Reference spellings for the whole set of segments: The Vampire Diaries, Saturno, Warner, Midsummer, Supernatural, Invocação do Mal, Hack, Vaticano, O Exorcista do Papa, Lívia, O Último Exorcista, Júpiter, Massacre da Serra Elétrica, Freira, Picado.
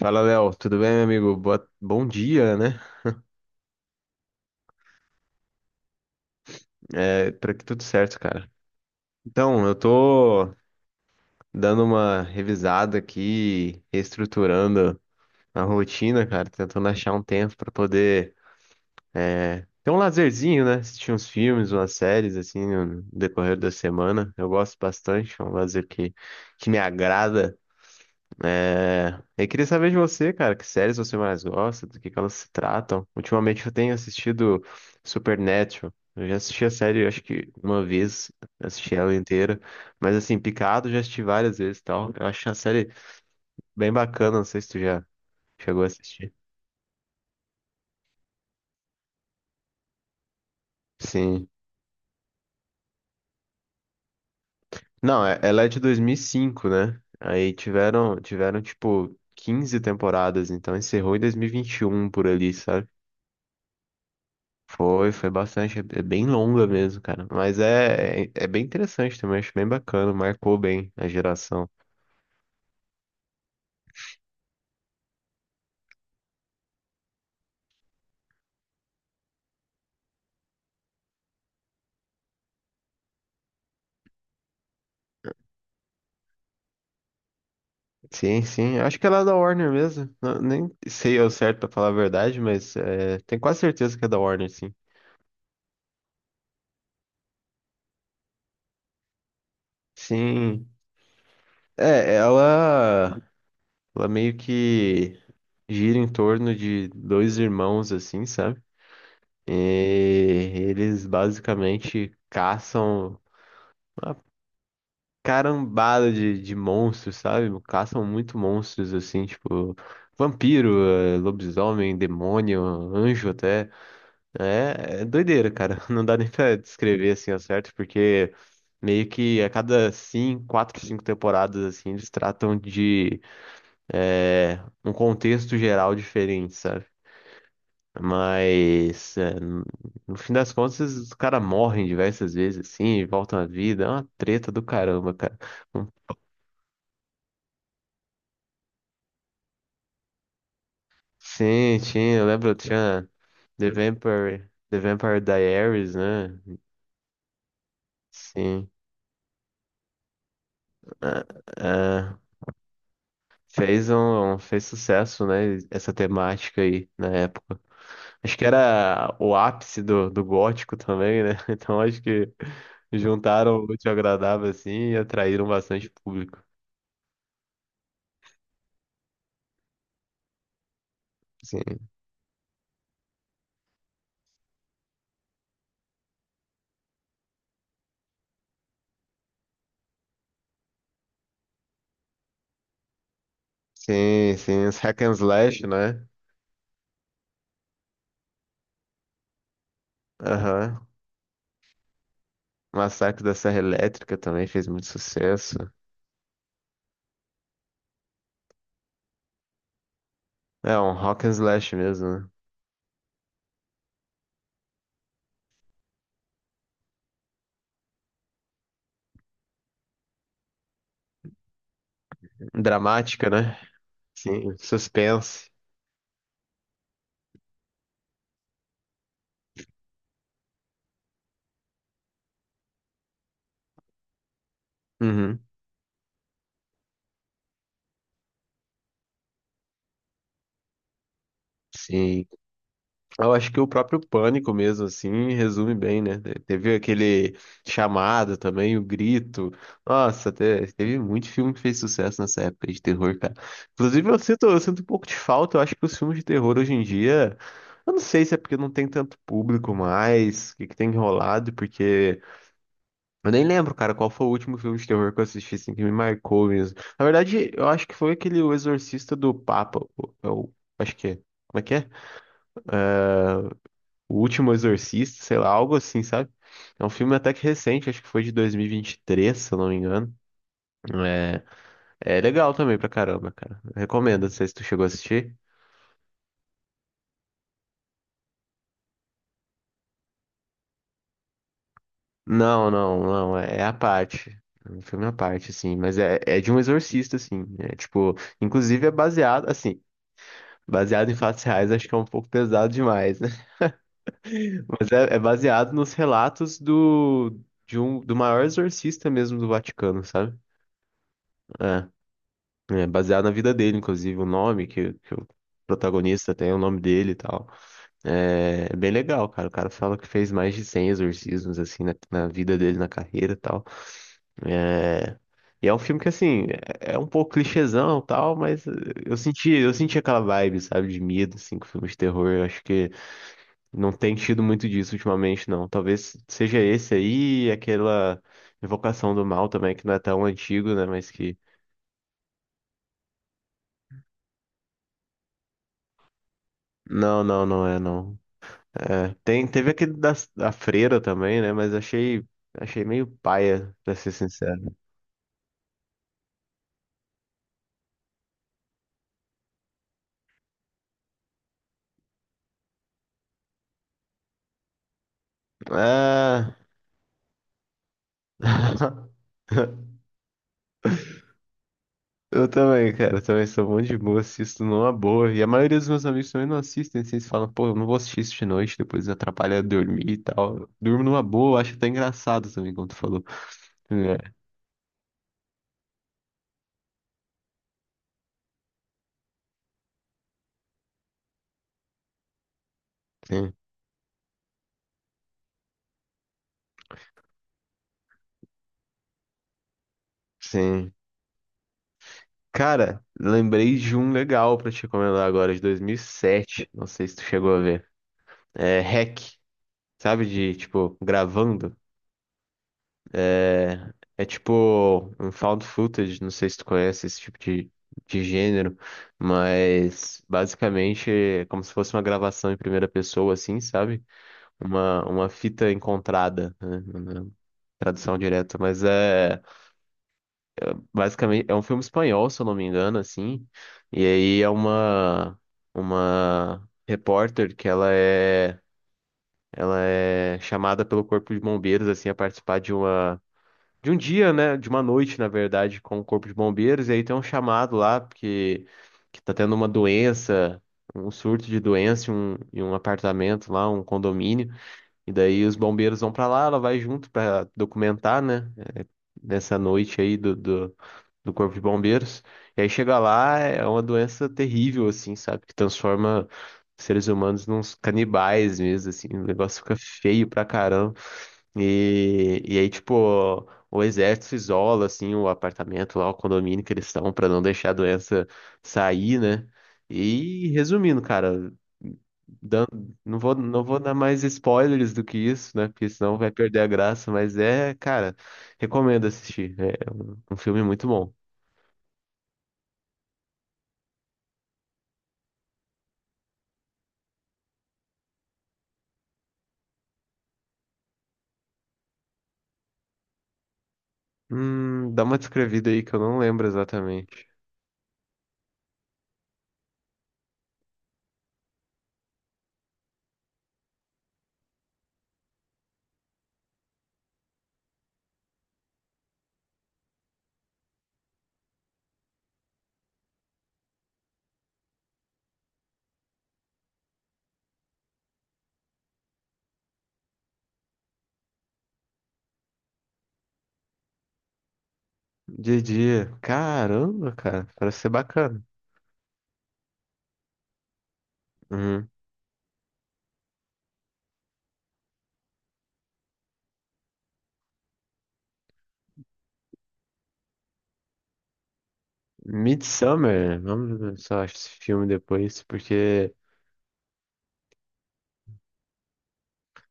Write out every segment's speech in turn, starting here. Fala, Léo. Tudo bem, meu amigo? Bom dia, né? É, por aqui tudo certo, cara. Então, eu tô dando uma revisada aqui, reestruturando a rotina, cara, tentando achar um tempo pra poder ter um lazerzinho, né? Assistir uns filmes, umas séries, assim, no decorrer da semana. Eu gosto bastante, é um lazer que me agrada. É, eu queria saber de você, cara, que séries você mais gosta, do que elas se tratam. Ultimamente eu tenho assistido Supernatural. Eu já assisti a série, acho que uma vez, assisti ela inteira. Mas assim, Picado já assisti várias vezes e tal. Eu acho a série bem bacana, não sei se tu já chegou a assistir. Sim. Não, ela é de 2005, né? Aí tiveram tipo 15 temporadas, então encerrou em 2021 por ali, sabe? Foi bastante. É bem longa mesmo, cara. Mas é bem interessante também. Acho bem bacana. Marcou bem a geração. Sim, sim. Acho que ela é da Warner mesmo. Nem sei ao certo pra falar a verdade, mas é, tenho quase certeza que é da Warner, sim. Sim. É, ela meio que gira em torno de dois irmãos, assim, sabe? E eles basicamente caçam. ah, Carambada de monstros, sabe? Caçam muito monstros, assim, tipo, vampiro, lobisomem, demônio, anjo até. É doideira, cara. Não dá nem pra descrever, assim, ao certo, porque meio que a cada cinco, quatro, cinco temporadas, assim, eles tratam de um contexto geral diferente, sabe? Mas, no fim das contas, os caras morrem diversas vezes, assim, e voltam à vida. É uma treta do caramba, cara. Sim, tinha, eu lembro, tinha The Vampire Diaries, né? Sim. Ah, ah, fez sucesso, né? Essa temática aí na época. Acho que era o ápice do gótico também, né? Então acho que juntaram o útil ao agradável assim e atraíram bastante público. Sim. Sim, sim, os hack and slash, né? Aham. Massacre da Serra Elétrica também fez muito sucesso. É um rock and slash mesmo, né? Dramática, né? Sim, suspense. Uhum. Sim. Eu acho que o próprio Pânico mesmo, assim, resume bem, né? Teve aquele chamado também, O Grito. Nossa, teve muito filme que fez sucesso nessa época de terror, cara. Inclusive, eu sinto um pouco de falta. Eu acho que os filmes de terror hoje em dia. Eu não sei se é porque não tem tanto público mais, o que que tem enrolado, porque. Eu nem lembro, cara, qual foi o último filme de terror que eu assisti, assim, que me marcou mesmo. Na verdade, eu acho que foi aquele O Exorcista do Papa. Eu acho que é. Como é que é? O Último Exorcista, sei lá, algo assim, sabe? É um filme até que recente, acho que foi de 2023, se eu não me engano. É, é legal também pra caramba, cara. Recomendo, não sei se tu chegou a assistir. Não, não, não, é à parte. É um filme à parte, assim, mas é de um exorcista, assim. É tipo, inclusive é baseado, assim, baseado em fatos reais, acho que é um pouco pesado demais. Mas é baseado nos relatos do maior exorcista mesmo do Vaticano, sabe? É, é baseado na vida dele, inclusive, o nome que o protagonista tem, o nome dele e tal. É bem legal, cara. O cara fala que fez mais de 100 exorcismos, assim, na vida dele, na carreira e tal. É, e é um filme que, assim, é um pouco clichêzão e tal, mas eu senti aquela vibe, sabe, de medo, assim, com filmes de terror. Eu acho que não tem tido muito disso ultimamente, não. Talvez seja esse aí, e aquela Invocação do Mal também, que não é tão antigo, né? Mas que. Não, não, não é, não. É, teve aquele da Freira também, né? Mas achei meio paia, pra ser sincero. Ah. Eu também, cara. Eu também sou um monte de boa, assisto numa boa. E a maioria dos meus amigos também não assistem. Assim, eles falam, pô, eu não vou assistir isso de noite, depois atrapalha dormir e tal. Eu durmo numa boa, eu acho até engraçado também, como tu falou. É, sim, sim. Cara, lembrei de um legal pra te recomendar agora, de 2007. Não sei se tu chegou a ver. É Hack, sabe? De, tipo, gravando. É tipo um found footage. Não sei se tu conhece esse tipo de gênero. Mas, basicamente, é como se fosse uma gravação em primeira pessoa, assim, sabe? Uma fita encontrada, né? Na tradução direta. Mas é. Basicamente, é um filme espanhol, se eu não me engano, assim. E aí é uma repórter que ela é chamada pelo Corpo de Bombeiros assim a participar de um dia, né, de uma noite, na verdade, com o Corpo de Bombeiros, e aí tem um chamado lá porque que tá tendo uma doença, um surto de doença em um apartamento lá, um condomínio, e daí os bombeiros vão pra lá, ela vai junto pra documentar, né, nessa noite aí do Corpo de Bombeiros. E aí chega lá, é uma doença terrível, assim, sabe? Que transforma seres humanos nos canibais mesmo, assim. O negócio fica feio pra caramba. E aí, tipo, o exército isola, assim, o apartamento lá, o condomínio que eles estão, pra não deixar a doença sair, né? E resumindo, cara. dan- não vou dar mais spoilers do que isso, né? Porque senão vai perder a graça. Mas é, cara, recomendo assistir. É um filme muito bom. Dá uma descrevida aí que eu não lembro exatamente. Dia a dia. Caramba, cara, parece ser bacana. Uhum. Midsummer, vamos ver se eu acho esse filme depois, porque.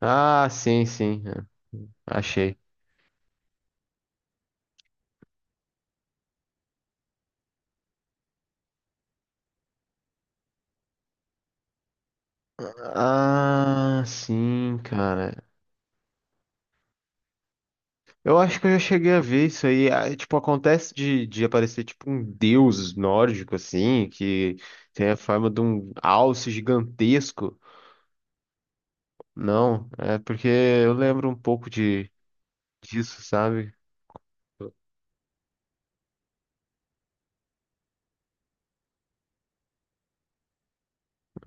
Ah, sim, sim. É. Achei. Ah, sim, cara. Eu acho que eu já cheguei a ver isso aí. Ah, tipo, acontece de aparecer tipo um deus nórdico, assim, que tem a forma de um alce gigantesco. Não, é porque eu lembro um pouco de disso, sabe?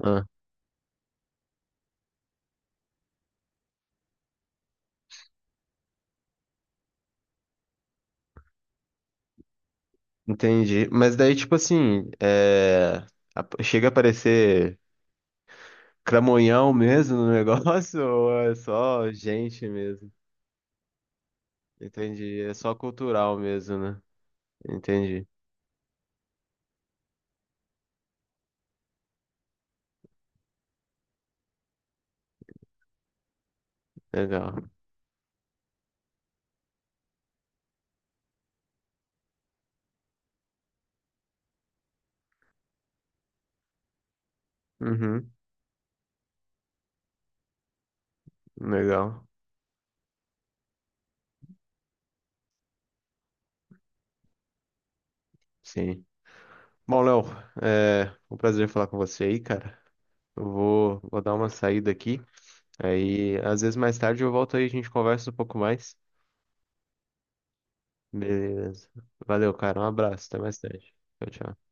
Ah, entendi. Mas daí, tipo assim, chega a aparecer cramonhão mesmo no negócio ou é só gente mesmo? Entendi. É só cultural mesmo, né? Entendi. Legal. Uhum. Legal. Sim. Bom, Léo, é um prazer falar com você aí, cara. Eu vou dar uma saída aqui. Aí, às vezes mais tarde eu volto aí, a gente conversa um pouco mais. Beleza. Valeu, cara. Um abraço. Até mais tarde. Tchau, tchau.